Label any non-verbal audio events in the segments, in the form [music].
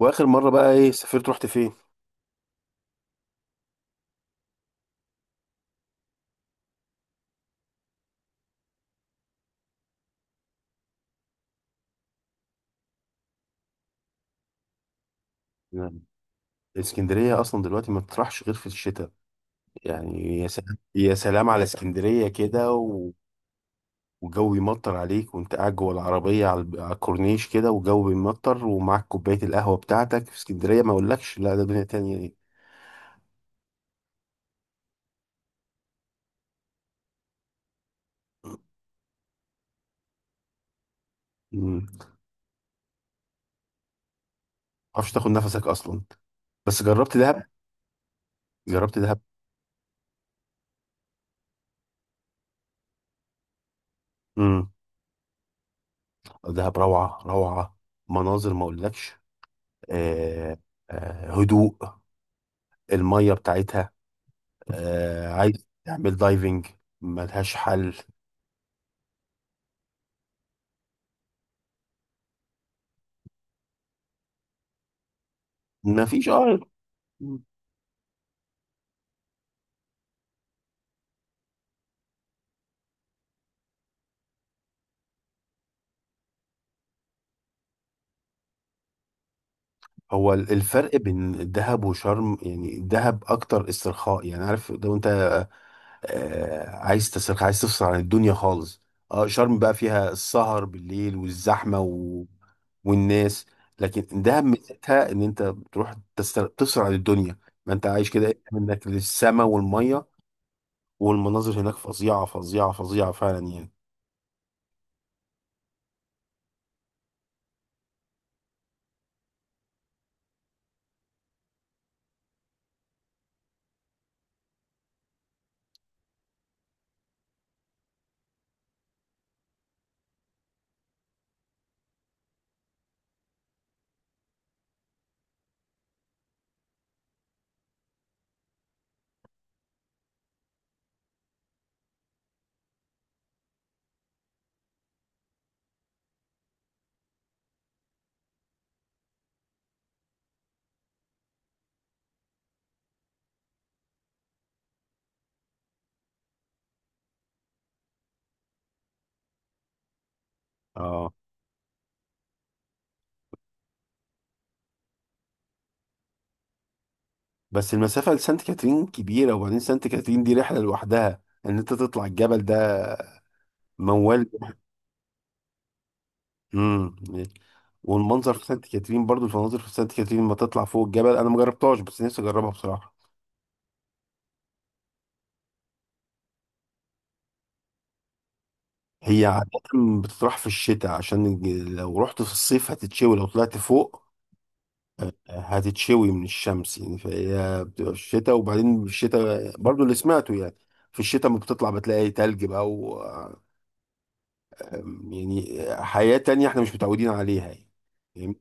واخر مره بقى ايه سافرت رحت فين؟ نعم. اسكندريه اصلا دلوقتي ما بتروحش غير في الشتاء. يعني يا سلام يا سلام على اسكندريه كده وجو يمطر عليك وانت قاعد جوه العربيه على الكورنيش كده وجو بيمطر ومعاك كوبايه القهوه بتاعتك في اسكندريه، ما اقولكش، لا ده دنيا تانية دي. ما تعرفش تاخد نفسك اصلا. بس جربت دهب، جربت دهب امم. دهب روعه روعه، مناظر ما اقولكش. آه، آه هدوء، الميه بتاعتها، آه عايز تعمل دايفنج، ملهاش حل. مفيش هو الفرق بين الدهب وشرم، يعني الدهب اكتر استرخاء، يعني عارف، لو انت آه عايز تسترخي، عايز تفصل عن الدنيا خالص. اه شرم بقى فيها السهر بالليل والزحمه والناس. لكن دهب ميزتها ان انت بتروح تفصل عن الدنيا، ما انت عايش كده منك للسما والميه، والمناظر هناك فظيعه فظيعه فظيعه فعلا يعني. اه بس المسافة لسانت كاترين كبيرة، وبعدين سانت كاترين دي رحلة لوحدها ان انت تطلع الجبل ده. موال. امم. والمنظر في سانت كاترين، برضو المناظر في سانت كاترين لما تطلع فوق الجبل انا مجربتهاش، بس نفسي اجربها بصراحة. هي عادة بتطرح في الشتاء، عشان لو رحت في الصيف هتتشوي، لو طلعت فوق هتتشوي من الشمس يعني، فهي بتبقى في الشتاء. وبعدين في الشتاء برضو اللي سمعته يعني، في الشتاء ما بتطلع بتلاقي تلج بقى، يعني حياة تانية احنا مش متعودين عليها يعني. فاهم؟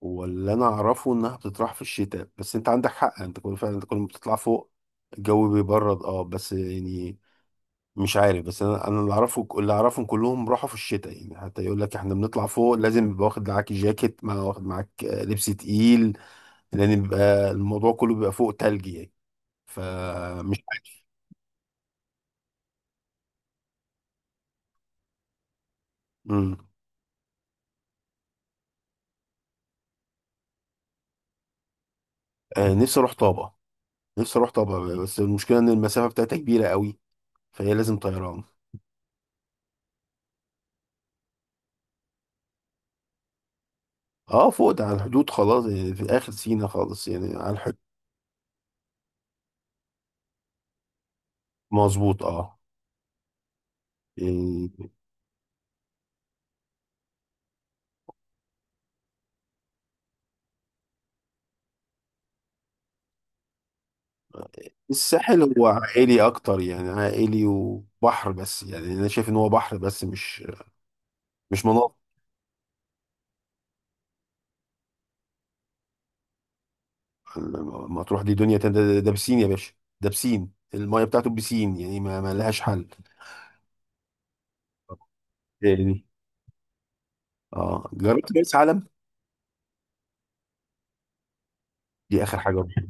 واللي انا اعرفه انها بتطرح في الشتاء، بس انت عندك حق، انت كل فعلا انت كل ما بتطلع فوق الجو بيبرد، اه بس يعني مش عارف. بس انا اللي اعرفه، اللي اعرفهم كلهم راحوا في الشتاء يعني، حتى يقول لك احنا بنطلع فوق لازم يبقى واخد معاك جاكيت، واخد معاك لبس تقيل، لان بيبقى الموضوع كله بيبقى فوق تلج يعني. فمش عارف. امم. نفسي اروح طابة. نفسي اروح طابة، بس المشكلة ان المسافة بتاعتها كبيرة قوي، فهي لازم طيران. اه فوق ده على الحدود خلاص يعني، في اخر سينا خالص يعني، على الحدود. مظبوط اه. يعني الساحل هو عائلي اكتر يعني، عائلي وبحر بس، يعني انا شايف ان هو بحر بس، مش مناطق. ما تروح، دي دنيا تانية، ده بسين يا باشا، ده بسين، المايه بتاعته بسين يعني، ما لهاش حل يعني. اه جربت مرسى علم؟ دي اخر حاجه أروحها.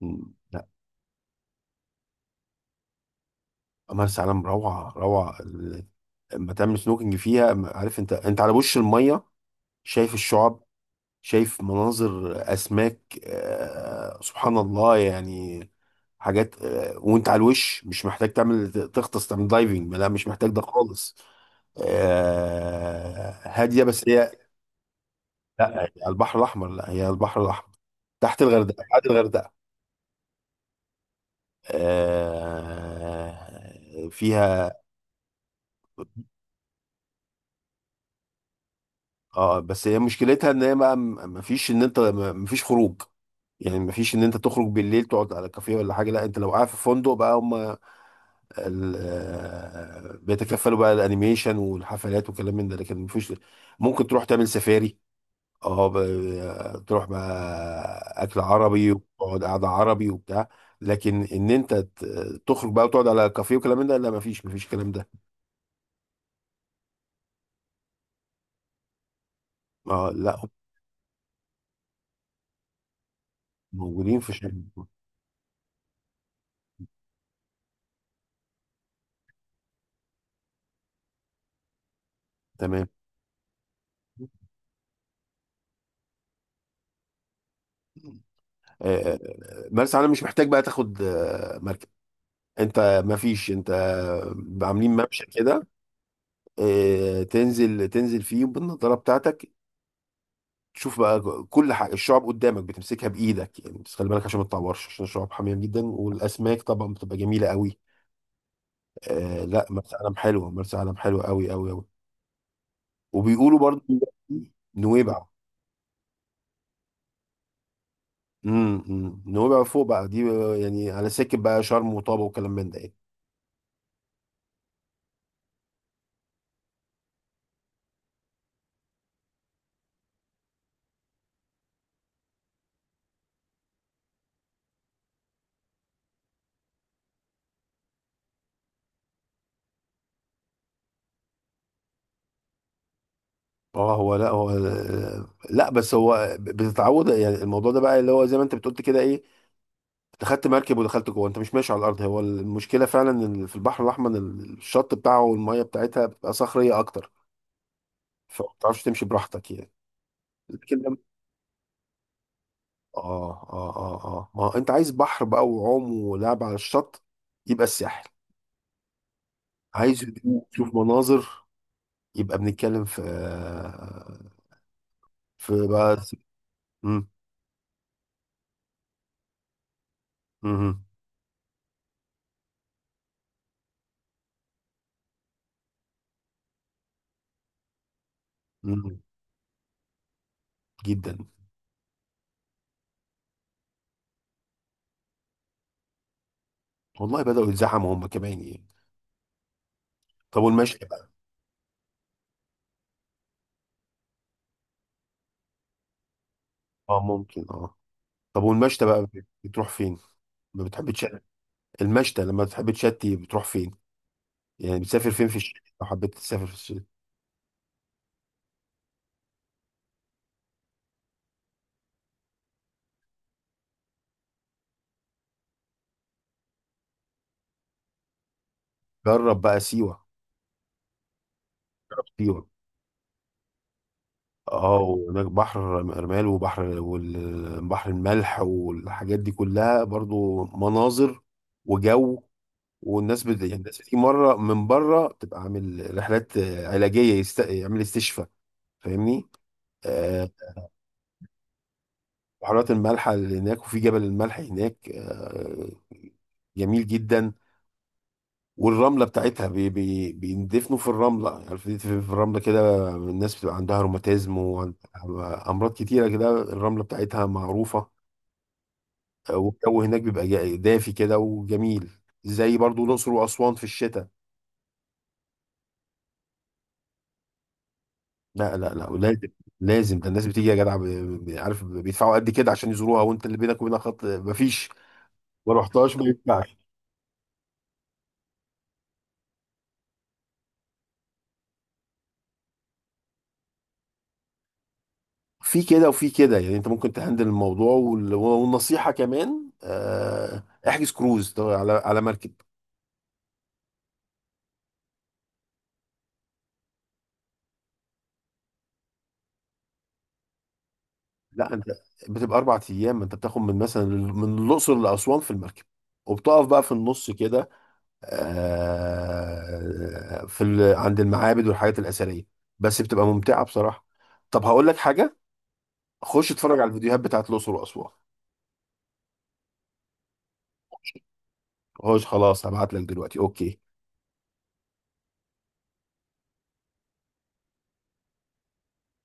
مم، لا. مرسى علم روعه روعه، لما تعمل سنوكينج فيها، عارف انت، على وش الميه، شايف الشعاب، شايف مناظر اسماك، سبحان الله يعني. حاجات، وانت على الوش مش محتاج تعمل تغطس، تعمل دايفنج، لا مش محتاج ده خالص. هاديه بس هي. لا، هي على البحر الاحمر. لا، هي على البحر الاحمر، تحت الغردقه، بعد الغردقه. فيها. اه بس هي مشكلتها ان هي ما فيش، ان انت ما فيش خروج يعني. ما فيش ان انت تخرج بالليل تقعد على كافيه ولا حاجه. لا، انت لو قاعد في فندق بقى، هم بيتكفلوا بقى، الانيميشن والحفلات وكلام من ده، لكن مفيش. ممكن تروح تعمل سفاري، اه، تروح بقى اكل عربي وتقعد قعده عربي وبتاع. لكن ان انت تخرج بقى وتقعد على كافيه وكلام من ده، لا مفيش، الكلام ده. اه، لا، موجودين في شرم. تمام. آه، مرسى علم مش محتاج بقى تاخد مركب. انت مفيش، انت عاملين ممشى كده. تنزل فيه بالنضاره بتاعتك، تشوف بقى كل حاجه، الشعب قدامك بتمسكها بايدك يعني، بس خلي بالك عشان ما تطورش، عشان الشعب حاميه جدا، والاسماك طبعا بتبقى جميله قوي. آه لا، مرسى علم حلوه، مرسى علم حلوه قوي قوي قوي. وبيقولوا برضو نويبع. امم، نويبع فوق بقى دي، يعني على سكه بقى شرم وطابه وكلام من ده يعني. اه، هو لا، بس هو بتتعود يعني. الموضوع ده بقى اللي هو زي ما انت بتقول كده، ايه، انت خدت مركب ودخلت جوه، انت مش ماشي على الارض. هو المشكله فعلا ان في البحر الاحمر الشط بتاعه والميه بتاعتها بتبقى صخريه اكتر، فما بتعرفش تمشي براحتك يعني. لكن لما اه ما هو انت عايز بحر بقى وعوم ولعب على الشط، يبقى الساحل. عايز هدوء تشوف مناظر، يبقى بنتكلم في [laughs] في بقى. مم. مم. مم. جدا. والله بدأوا يتزحموا هم كمان يعني. طب والمشي بقى. اه ممكن طب والمشي بقى بتروح فين؟ ما بتحبش المشتى؟ لما تحب تشتي بتروح فين؟ يعني بتسافر فين في الشتاء، لو حبيت تسافر في الشتاء؟ جرب بقى سيوة. جرب سيوة. اه، وهناك بحر مرمال وبحر، والبحر الملح والحاجات دي كلها برضو مناظر وجو. والناس يعني الناس بتيجي مرة من بره تبقى عامل رحلات علاجية، يعمل استشفاء. فاهمني؟ آه، بحيرات الملح اللي هناك، وفي جبل الملح هناك، جميل جدا. والرمله بتاعتها بي بي بيندفنوا في الرمله، عارف، يدفن في الرمله كده، الناس بتبقى عندها روماتيزم وعندها امراض كتيره كده، الرمله بتاعتها معروفه. والجو هناك بيبقى دافي كده وجميل، زي برضو الاقصر واسوان في الشتاء. لا لا لا لازم، لازم. ده الناس بتيجي يا جدع، عارف بيدفعوا قد كده عشان يزوروها، وانت اللي بينك وبينها خط مفيش، ما رحتهاش، ما ينفعش. في كده وفي كده يعني، انت ممكن تهندل الموضوع، والنصيحه كمان، احجز كروز ده، على مركب. لا، انت بتبقى 4 ايام، انت بتاخد من مثلا من الاقصر لاسوان في المركب، وبتقف بقى في النص كده، في عند المعابد والحاجات الاثريه. بس بتبقى ممتعه بصراحه. طب هقول لك حاجه، خش اتفرج على الفيديوهات بتاعت الاقصر واسوان. خش خلاص، هبعت لك دلوقتي، اوكي؟